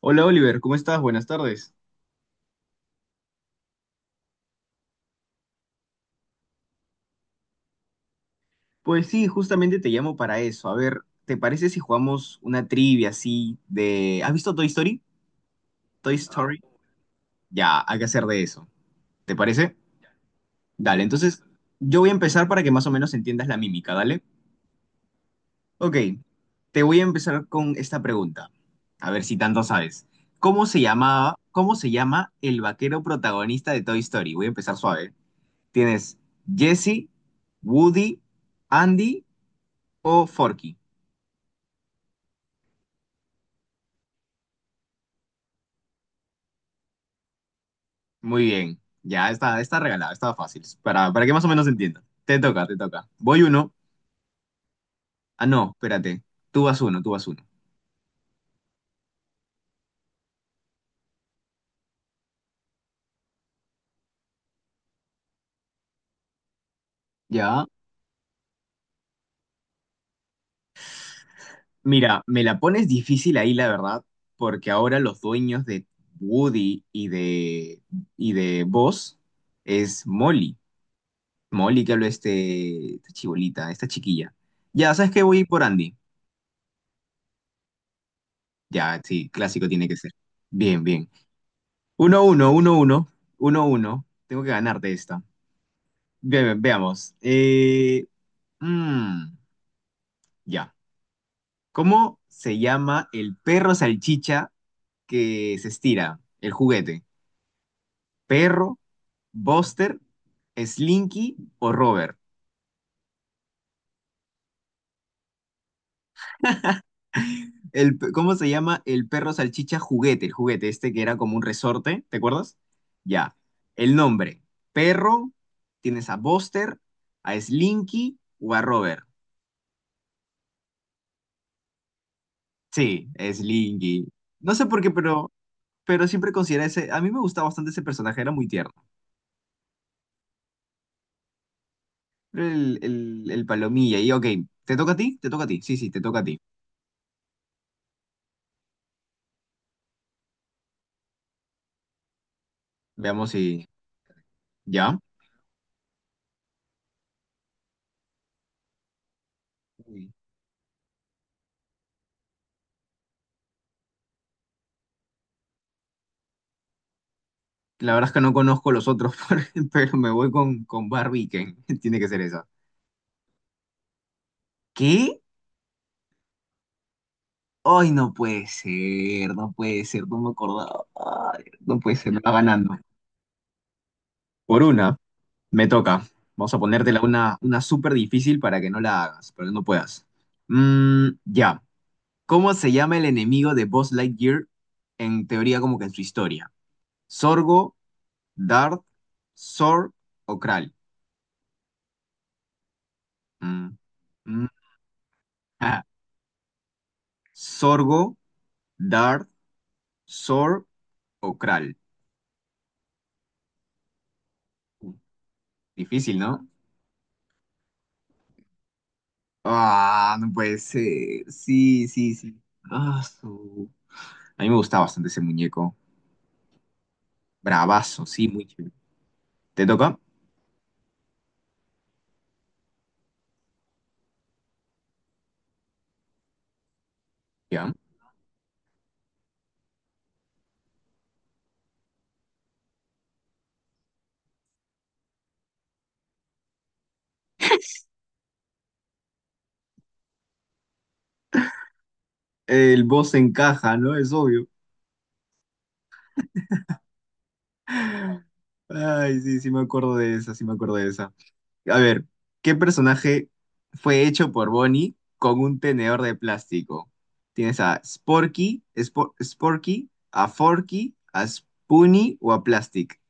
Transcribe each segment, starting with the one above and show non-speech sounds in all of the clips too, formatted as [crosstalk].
Hola Oliver, ¿cómo estás? Buenas tardes. Pues sí, justamente te llamo para eso. A ver, ¿te parece si jugamos una trivia así de... ¿Has visto Toy Story? Toy Story. Ya, hay que hacer de eso. ¿Te parece? Dale, entonces yo voy a empezar para que más o menos entiendas la mímica, ¿dale? Ok, te voy a empezar con esta pregunta. A ver si tanto sabes. ¿Cómo se llamaba, cómo se llama el vaquero protagonista de Toy Story? Voy a empezar suave. Tienes Jesse, Woody, Andy o Forky. Muy bien, ya está, está regalado, está fácil, para que más o menos entiendas. Te toca, te toca. Voy uno. Ah, no, espérate. Tú vas uno, tú vas uno. Ya. Mira, me la pones difícil ahí, la verdad, porque ahora los dueños de Woody y de Buzz es Molly. Molly, que habló este, esta chibolita, esta chiquilla. Ya, ¿sabes qué? Voy por Andy. Ya, sí, clásico tiene que ser. Bien, bien. Uno, uno, uno, uno, uno, uno. Tengo que ganarte esta. Veamos. Mm, ya. ¿Cómo se llama el perro salchicha que se estira? El juguete. ¿Perro, Buster, Slinky o Robert? El, ¿cómo se llama el perro salchicha juguete? El juguete este que era como un resorte, ¿te acuerdas? Ya. El nombre. Perro, tienes a Buster, a Slinky o a Robert. Sí, Slinky. No sé por qué, pero siempre considera ese, a mí me gustaba bastante ese personaje, era muy tierno. El palomilla, y ok, ¿te toca a ti? Te toca a ti, sí, sí, te toca a ti. Veamos si, ¿ya? Uy. La verdad es que no conozco los otros, [laughs] pero me voy con Barbie Ken, [laughs] tiene que ser esa. ¿Qué? Ay, no puede ser, no puede ser, no me acordaba. Ay, no puede ser, me va ganando. Por una, me toca. Vamos a ponértela una súper difícil para que no la hagas, para que no puedas. Ya. ¿Cómo se llama el enemigo de Buzz Lightyear en teoría como que en su historia? ¿Sorgo, Dart, Sor o Kral? Mm, mm, ah, ¿Sorgo, Dart, Sor o Kral? Difícil, ¿no? Ah, no puede ser. Sí, sí, sí. Ah, a mí me gustaba bastante ese muñeco. Bravazo, sí, muy chévere. ¿Te toca? Ya. El boss encaja, ¿no? Es obvio. Ay, sí, sí me acuerdo de esa, sí me acuerdo de esa. A ver, ¿qué personaje fue hecho por Bonnie con un tenedor de plástico? Tienes a Sporky, Sporky, a Forky, a Spoonie o a Plastic.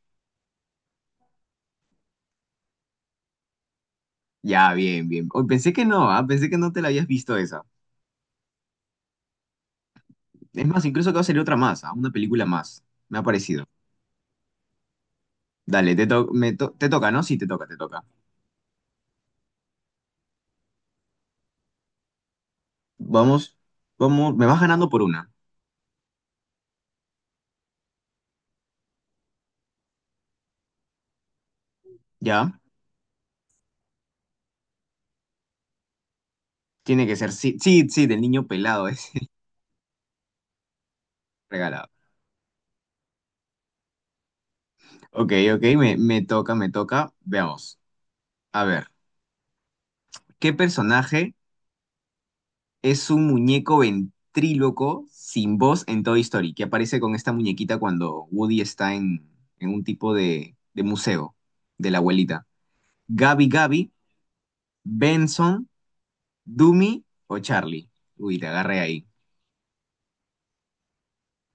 Ya, bien, bien. Oh, pensé que no, ah, pensé que no te la habías visto esa. Es más, incluso que va a salir otra más, ah, una película más. Me ha parecido. Dale, te, to- me to- te toca, ¿no? Sí, te toca, te toca. Vamos, vamos, me vas ganando por una. ¿Ya? Tiene que ser, sí, sí, sí, del niño pelado ese. [laughs] Regala. Ok, ok, me toca, me toca. Veamos. A ver, ¿qué personaje es un muñeco ventríloco sin voz en Toy Story? Que aparece con esta muñequita cuando Woody está en un tipo de museo de la abuelita. ¿Gabi Gabi, Benson, Doomy o Charlie? Uy, te agarré ahí.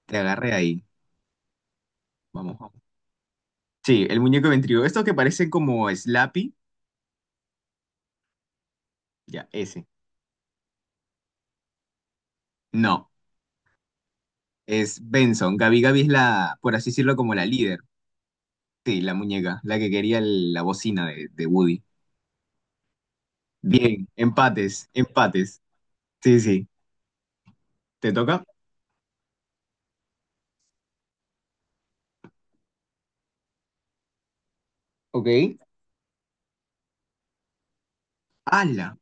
Te agarré ahí. Vamos, vamos. Sí, el muñeco ventríloco. Estos que parecen como Slappy. Ya, ese. No, es Benson. Gabi Gabi es la, por así decirlo, como la líder. Sí, la muñeca, la que quería la bocina de Woody. Bien, empates, empates. Sí, sí. ¿Te toca? Ok. ¡Hala!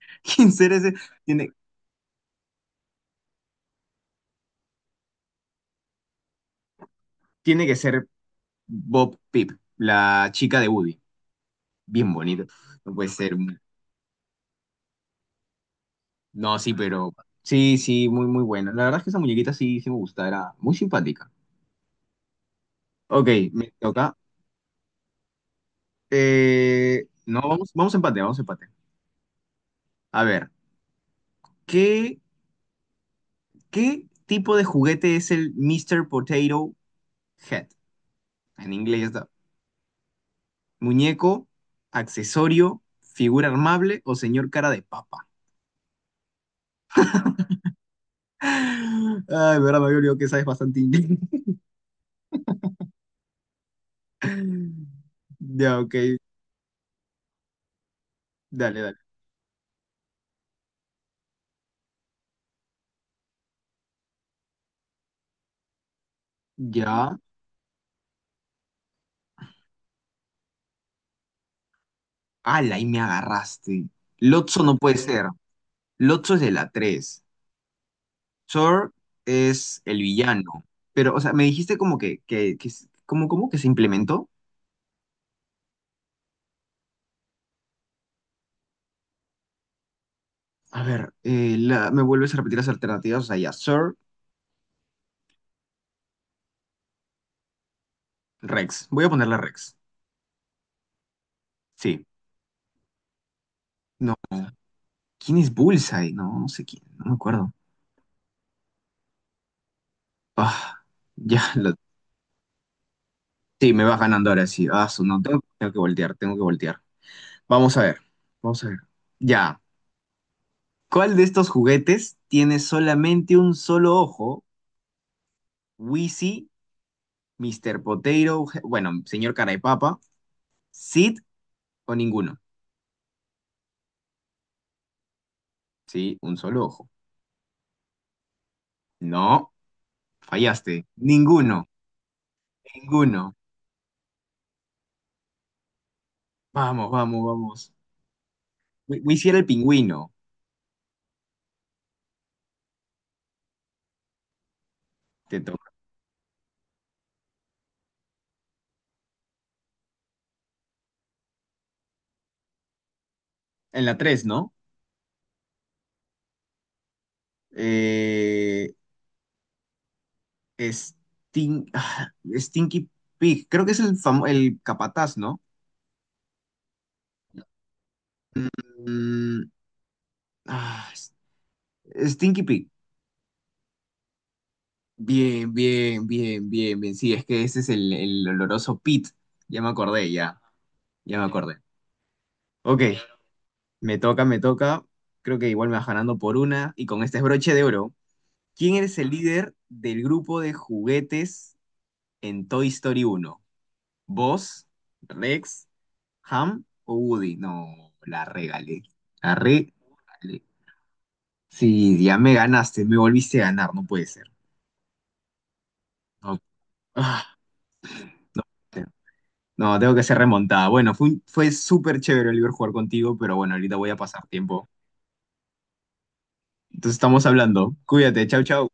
[laughs] ¿Quién será ese? Tiene, tiene que ser Bob Pip, la chica de Woody. Bien bonito. No puede ser. No, sí, pero. Sí, sí, muy, muy buena. La verdad es que esa muñequita sí, sí me gusta, era muy simpática. Ok, me toca. No, vamos, vamos a empate, vamos a empate. A ver, ¿qué, qué tipo de juguete es el Mr. Potato Head? En inglés está. Muñeco, accesorio, figura armable o señor cara de papa. [laughs] Ay, verdad, me había olvidado que sabes bastante inglés. [laughs] Ya, ok. Dale, dale. Ya. Ala, ahí me agarraste. Lotso no puede ser. Lotso es de la 3. Thor es el villano. Pero, o sea, me dijiste como que, ¿cómo, cómo que se implementó? A ver, me vuelves a repetir las alternativas. O sea, ya, Thor, Rex. Voy a ponerle Rex. Sí. No. ¿Quién es Bullseye? No, no sé quién, no me acuerdo. Ah, ya, [laughs] sí, me vas ganando ahora sí. Ah, no, tengo, tengo que voltear, tengo que voltear. Vamos a ver, vamos a ver. Ya, ¿cuál de estos juguetes tiene solamente un solo ojo? Wheezy, Mr. Potato, je- bueno, señor Carapapa, Sid o ninguno. Sí, un solo ojo. No, fallaste. Ninguno, ninguno. Vamos, vamos, vamos. Wheezy era el pingüino. Te toca. En la 3 ¿no? Eh, Stin- ah, Stinky Pig, creo que es el, el capataz, ¿no? Mm, ah, Stinky Pig. Bien, bien, bien, bien, bien. Sí, es que ese es el oloroso Pit. Ya me acordé, ya. Ya me acordé. Ok, me toca, me toca. Creo que igual me vas ganando por una. Y con este es broche de oro. ¿Quién eres el líder del grupo de juguetes en Toy Story uno? ¿Vos, Rex, ¿Ham o Woody? No, la regalé. La regalé. Sí, ya me ganaste, me volviste a ganar, no puede ser. No, ah, te- no, tengo que ser remontada. Bueno, fue, fue súper chévere, Oliver, jugar contigo, pero bueno, ahorita voy a pasar tiempo. Entonces estamos hablando. Cuídate, chau, chau.